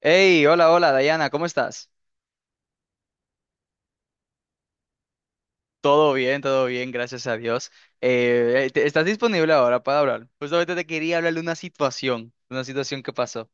Hey, hola, hola, Dayana, ¿cómo estás? Todo bien, gracias a Dios. ¿Estás disponible ahora para hablar? Justamente te quería hablar de una situación que pasó.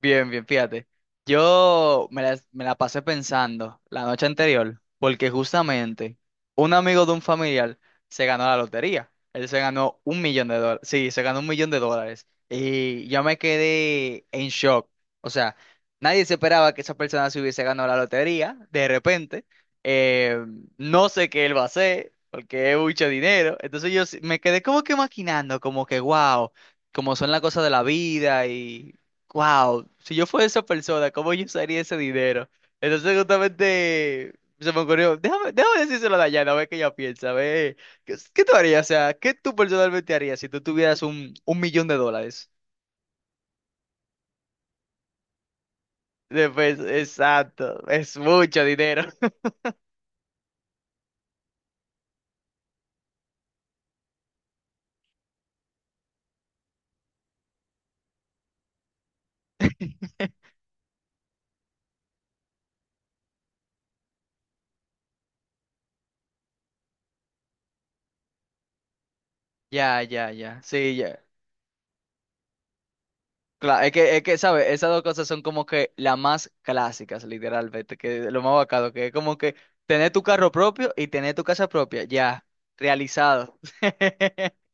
Bien, bien, fíjate. Yo me la pasé pensando la noche anterior, porque justamente un amigo de un familiar se ganó la lotería. Él se ganó $1,000,000. Sí, se ganó $1,000,000. Y yo me quedé en shock. O sea, nadie se esperaba que esa persona se hubiese ganado la lotería de repente. Eh, no sé qué él va a hacer, porque es mucho dinero. Entonces me quedé como que maquinando, como que wow, como son las cosas de la vida. Y wow, si yo fuera esa persona, ¿cómo yo usaría ese dinero? Entonces justamente se me ocurrió, déjame decírselo a Dayana, a ver qué ella piensa, a ver, ¿qué tú harías? O sea, ¿qué tú personalmente harías si tú tuvieras un millón de dólares? Exacto, es mucho dinero. Ya, ya, ya, sí, ya. Claro, es que, ¿sabes? Esas dos cosas son como que las más clásicas, literalmente, que lo más bacano, que es como que tener tu carro propio y tener tu casa propia, ya, realizado.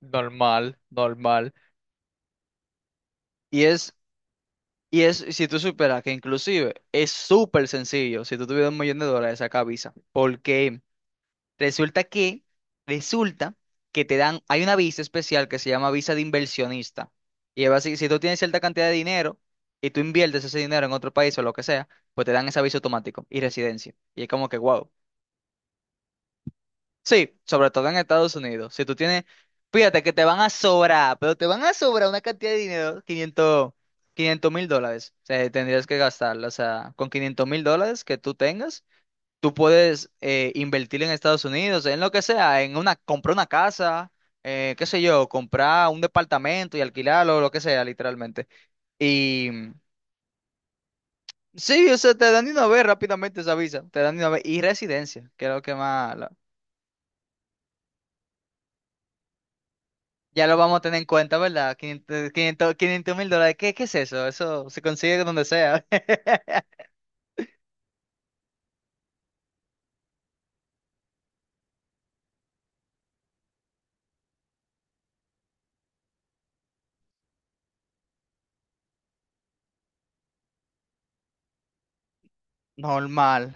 Normal, normal. Y es, y es, si tú superas que inclusive es súper sencillo, si tú tuvieras $1,000,000, saca visa. Porque resulta que, resulta que te dan, hay una visa especial que se llama visa de inversionista. Y es así, si tú tienes cierta cantidad de dinero y tú inviertes ese dinero en otro país o lo que sea, pues te dan esa visa automático y residencia. Y es como que, wow. Sí, sobre todo en Estados Unidos. Si tú tienes, fíjate que te van a sobrar, pero te van a sobrar una cantidad de dinero, quinientos mil dólares. O sea, tendrías que gastarlo. O sea, con $500,000 que tú tengas, tú puedes invertir en Estados Unidos, en lo que sea, en una, comprar una casa, qué sé yo, comprar un departamento y alquilarlo, lo que sea, literalmente. Y sí, o sea, te dan de una vez rápidamente esa visa, te dan de una vez y residencia, que es lo que más. Ya lo vamos a tener en cuenta, ¿verdad? 500, 500, 500 mil dólares. ¿Qué, qué es eso? Eso se consigue donde sea. Normal.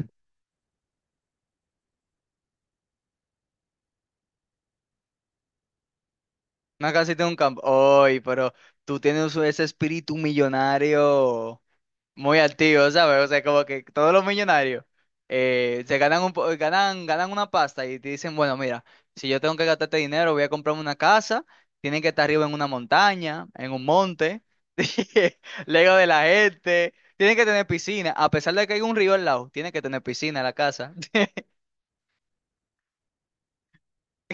Una casita en un campo. Oy, pero tú tienes ese espíritu millonario muy activo, ¿sabes? O sea, como que todos los millonarios se ganan un po- ganan, ganan una pasta y te dicen, bueno, mira, si yo tengo que gastar este dinero, voy a comprarme una casa, tienen que estar arriba en una montaña, en un monte, lejos de la gente, tienen que tener piscina, a pesar de que hay un río al lado, tiene que tener piscina en la casa.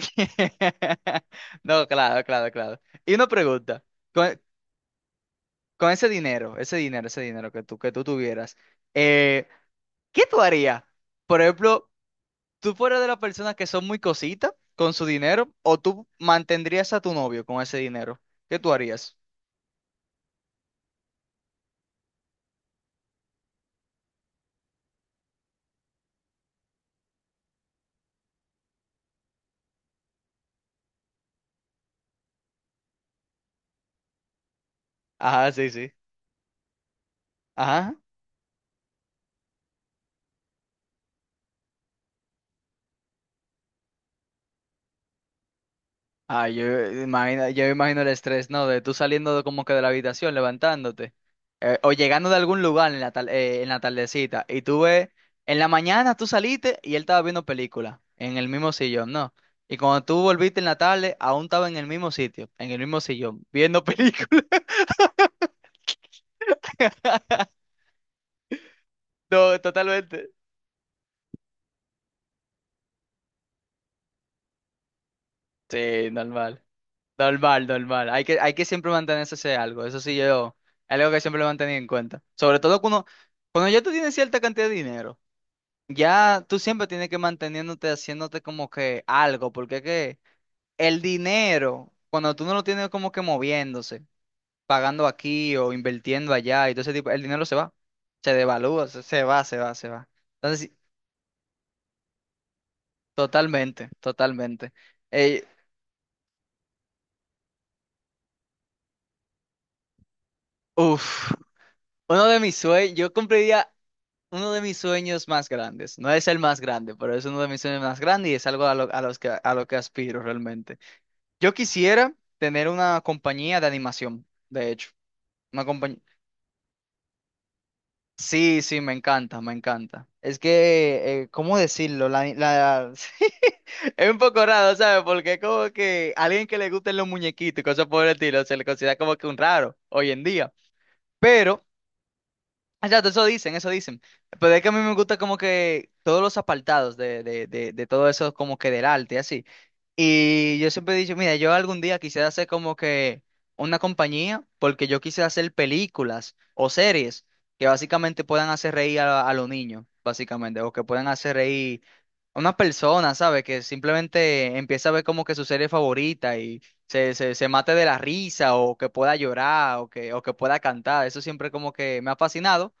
No, claro, claro, claro. Y una pregunta, con, con ese dinero, ese dinero, ese dinero que tú tuvieras, eh, ¿qué tú harías? Por ejemplo, ¿tú fueras de las personas que son muy cositas con su dinero o tú mantendrías a tu novio con ese dinero? ¿Qué tú harías? Ajá, sí, sí. Ajá. Ah, yo imagino el estrés, ¿no? De tú saliendo como que de la habitación, levantándote, o llegando de algún lugar en la tardecita, y tú ves, en la mañana tú saliste y él estaba viendo película, en el mismo sillón, ¿no? Y cuando tú volviste en la tarde, aún estaba en el mismo sitio, en el mismo sillón, viendo película. No, totalmente. Sí, normal. Normal, normal. Hay que siempre mantenerse ese algo. Eso sí, yo, algo que siempre lo he mantenido en cuenta. Sobre todo cuando ya tú tienes cierta cantidad de dinero, ya tú siempre tienes que manteniéndote, haciéndote como que algo, porque es que el dinero, cuando tú no lo tienes como que moviéndose, pagando aquí o invirtiendo allá y todo ese tipo, el dinero se va, se devalúa, se va, se va, se va. Entonces, sí, totalmente, totalmente. Eh, Uf. Uno de mis sueños, yo cumpliría Uno de mis sueños más grandes, no es el más grande, pero es uno de mis sueños más grandes y es algo a lo que aspiro realmente. Yo quisiera tener una compañía de animación, de hecho. Una compañía. Sí, sí, me encanta, me encanta. Es que, ¿cómo decirlo? Es un poco raro, ¿sabes? Porque es como que alguien que le gusten los muñequitos y cosas por el estilo se le considera como que un raro hoy en día. Pero exacto, eso dicen, eso dicen. Pero es que a mí me gusta como que todos los apartados de todo eso, como que del arte, así. Y yo siempre he dicho, mira, yo algún día quisiera hacer como que una compañía, porque yo quisiera hacer películas o series que básicamente puedan hacer reír a los niños, básicamente, o que puedan hacer reír a una persona, ¿sabes? Que simplemente empieza a ver como que su serie favorita y se mate de la risa, o que pueda llorar, o que, pueda cantar. Eso siempre como que me ha fascinado.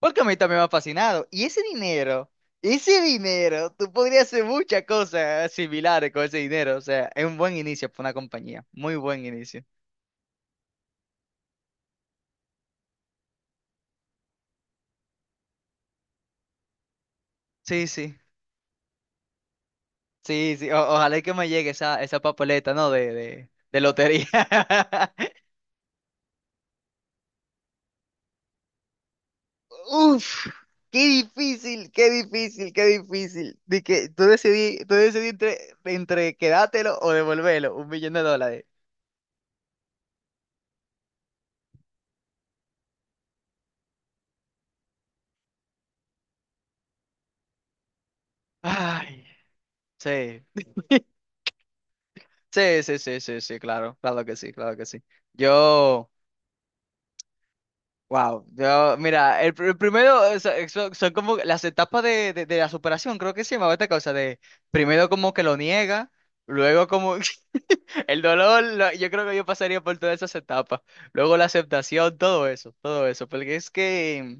Porque a mí también me ha fascinado. Y ese dinero, tú podrías hacer muchas cosas similares con ese dinero. O sea, es un buen inicio para una compañía. Muy buen inicio. Sí, sí. Sí, sí. Ojalá y que me llegue esa papeleta, ¿no? De lotería. Uf, qué difícil, qué difícil, qué difícil. De que tú decidí entre quedártelo o devolverlo, $1,000,000. Ay, sí. Sí, sí, sí, sí, sí, claro, claro que sí, claro que sí. Yo, wow, mira, el primero son como las etapas de la superación, creo que se llamaba esta cosa de primero como que lo niega, luego como el dolor, yo creo que yo pasaría por todas esas etapas, luego la aceptación, todo eso, porque es que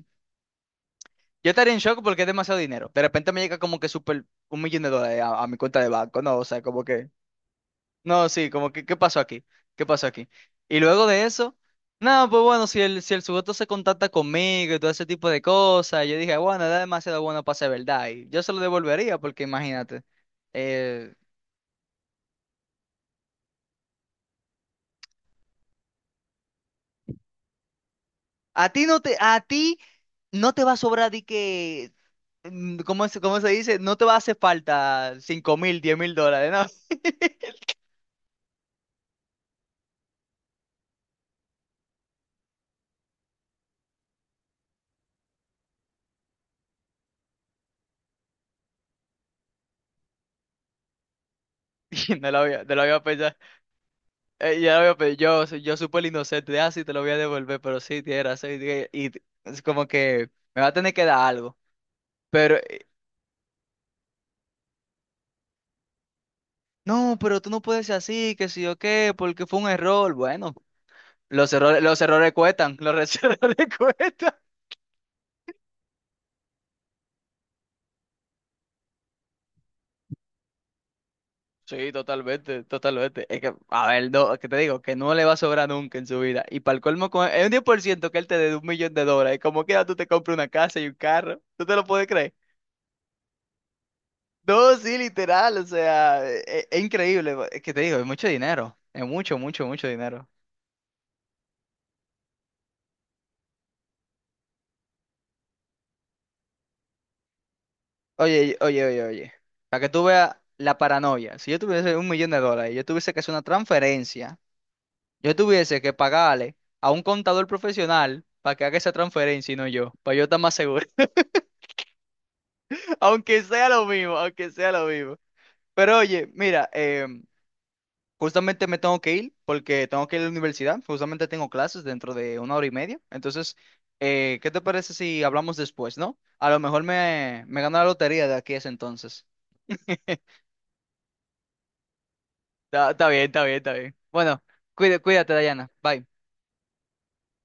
yo estaría en shock porque es demasiado dinero. De repente me llega como que super $1,000,000 a mi cuenta de banco, ¿no? O sea, como que. No, sí, como que, ¿qué pasó aquí? ¿Qué pasó aquí? Y luego de eso, no, pues bueno, si el sujeto se contacta conmigo y todo ese tipo de cosas, yo dije, bueno, era demasiado bueno para ser verdad. Y yo se lo devolvería, porque imagínate, eh, a ti no te va a sobrar di que, ¿cómo se dice? No te va a hacer falta $5,000, $10,000, ¿no? Y no lo había pensado. Ya veo, pero yo súper inocente, de, ah, sí, te lo voy a devolver, pero sí, tienes razón, y es como que me va a tener que dar algo, pero, no, pero tú no puedes ser así, que sí o qué, porque fue un error, bueno, los errores cuestan, los errores cuestan. Sí, totalmente, totalmente, es que, a ver, no, que te digo, que no le va a sobrar nunca en su vida, y para el colmo, es un 10% que él te dé $1,000,000, y como quiera tú te compras una casa y un carro, ¿tú te lo puedes creer? No, sí, literal, o sea, es, increíble, es que te digo, es mucho dinero, es mucho, mucho, mucho dinero. Oye, oye, oye, oye, para que tú veas la paranoia, si yo tuviese $1,000,000, yo tuviese que hacer una transferencia, yo tuviese que pagarle a un contador profesional para que haga esa transferencia y no yo, para yo estar más seguro, aunque sea lo mismo, aunque sea lo mismo. Pero oye, mira, justamente me tengo que ir porque tengo que ir a la universidad. Justamente tengo clases dentro de una hora y media. Entonces, ¿qué te parece si hablamos después, no? A lo mejor me gano la lotería de aquí a ese entonces. Está bien, está bien, está bien. Bueno, cuídate, Dayana. Bye.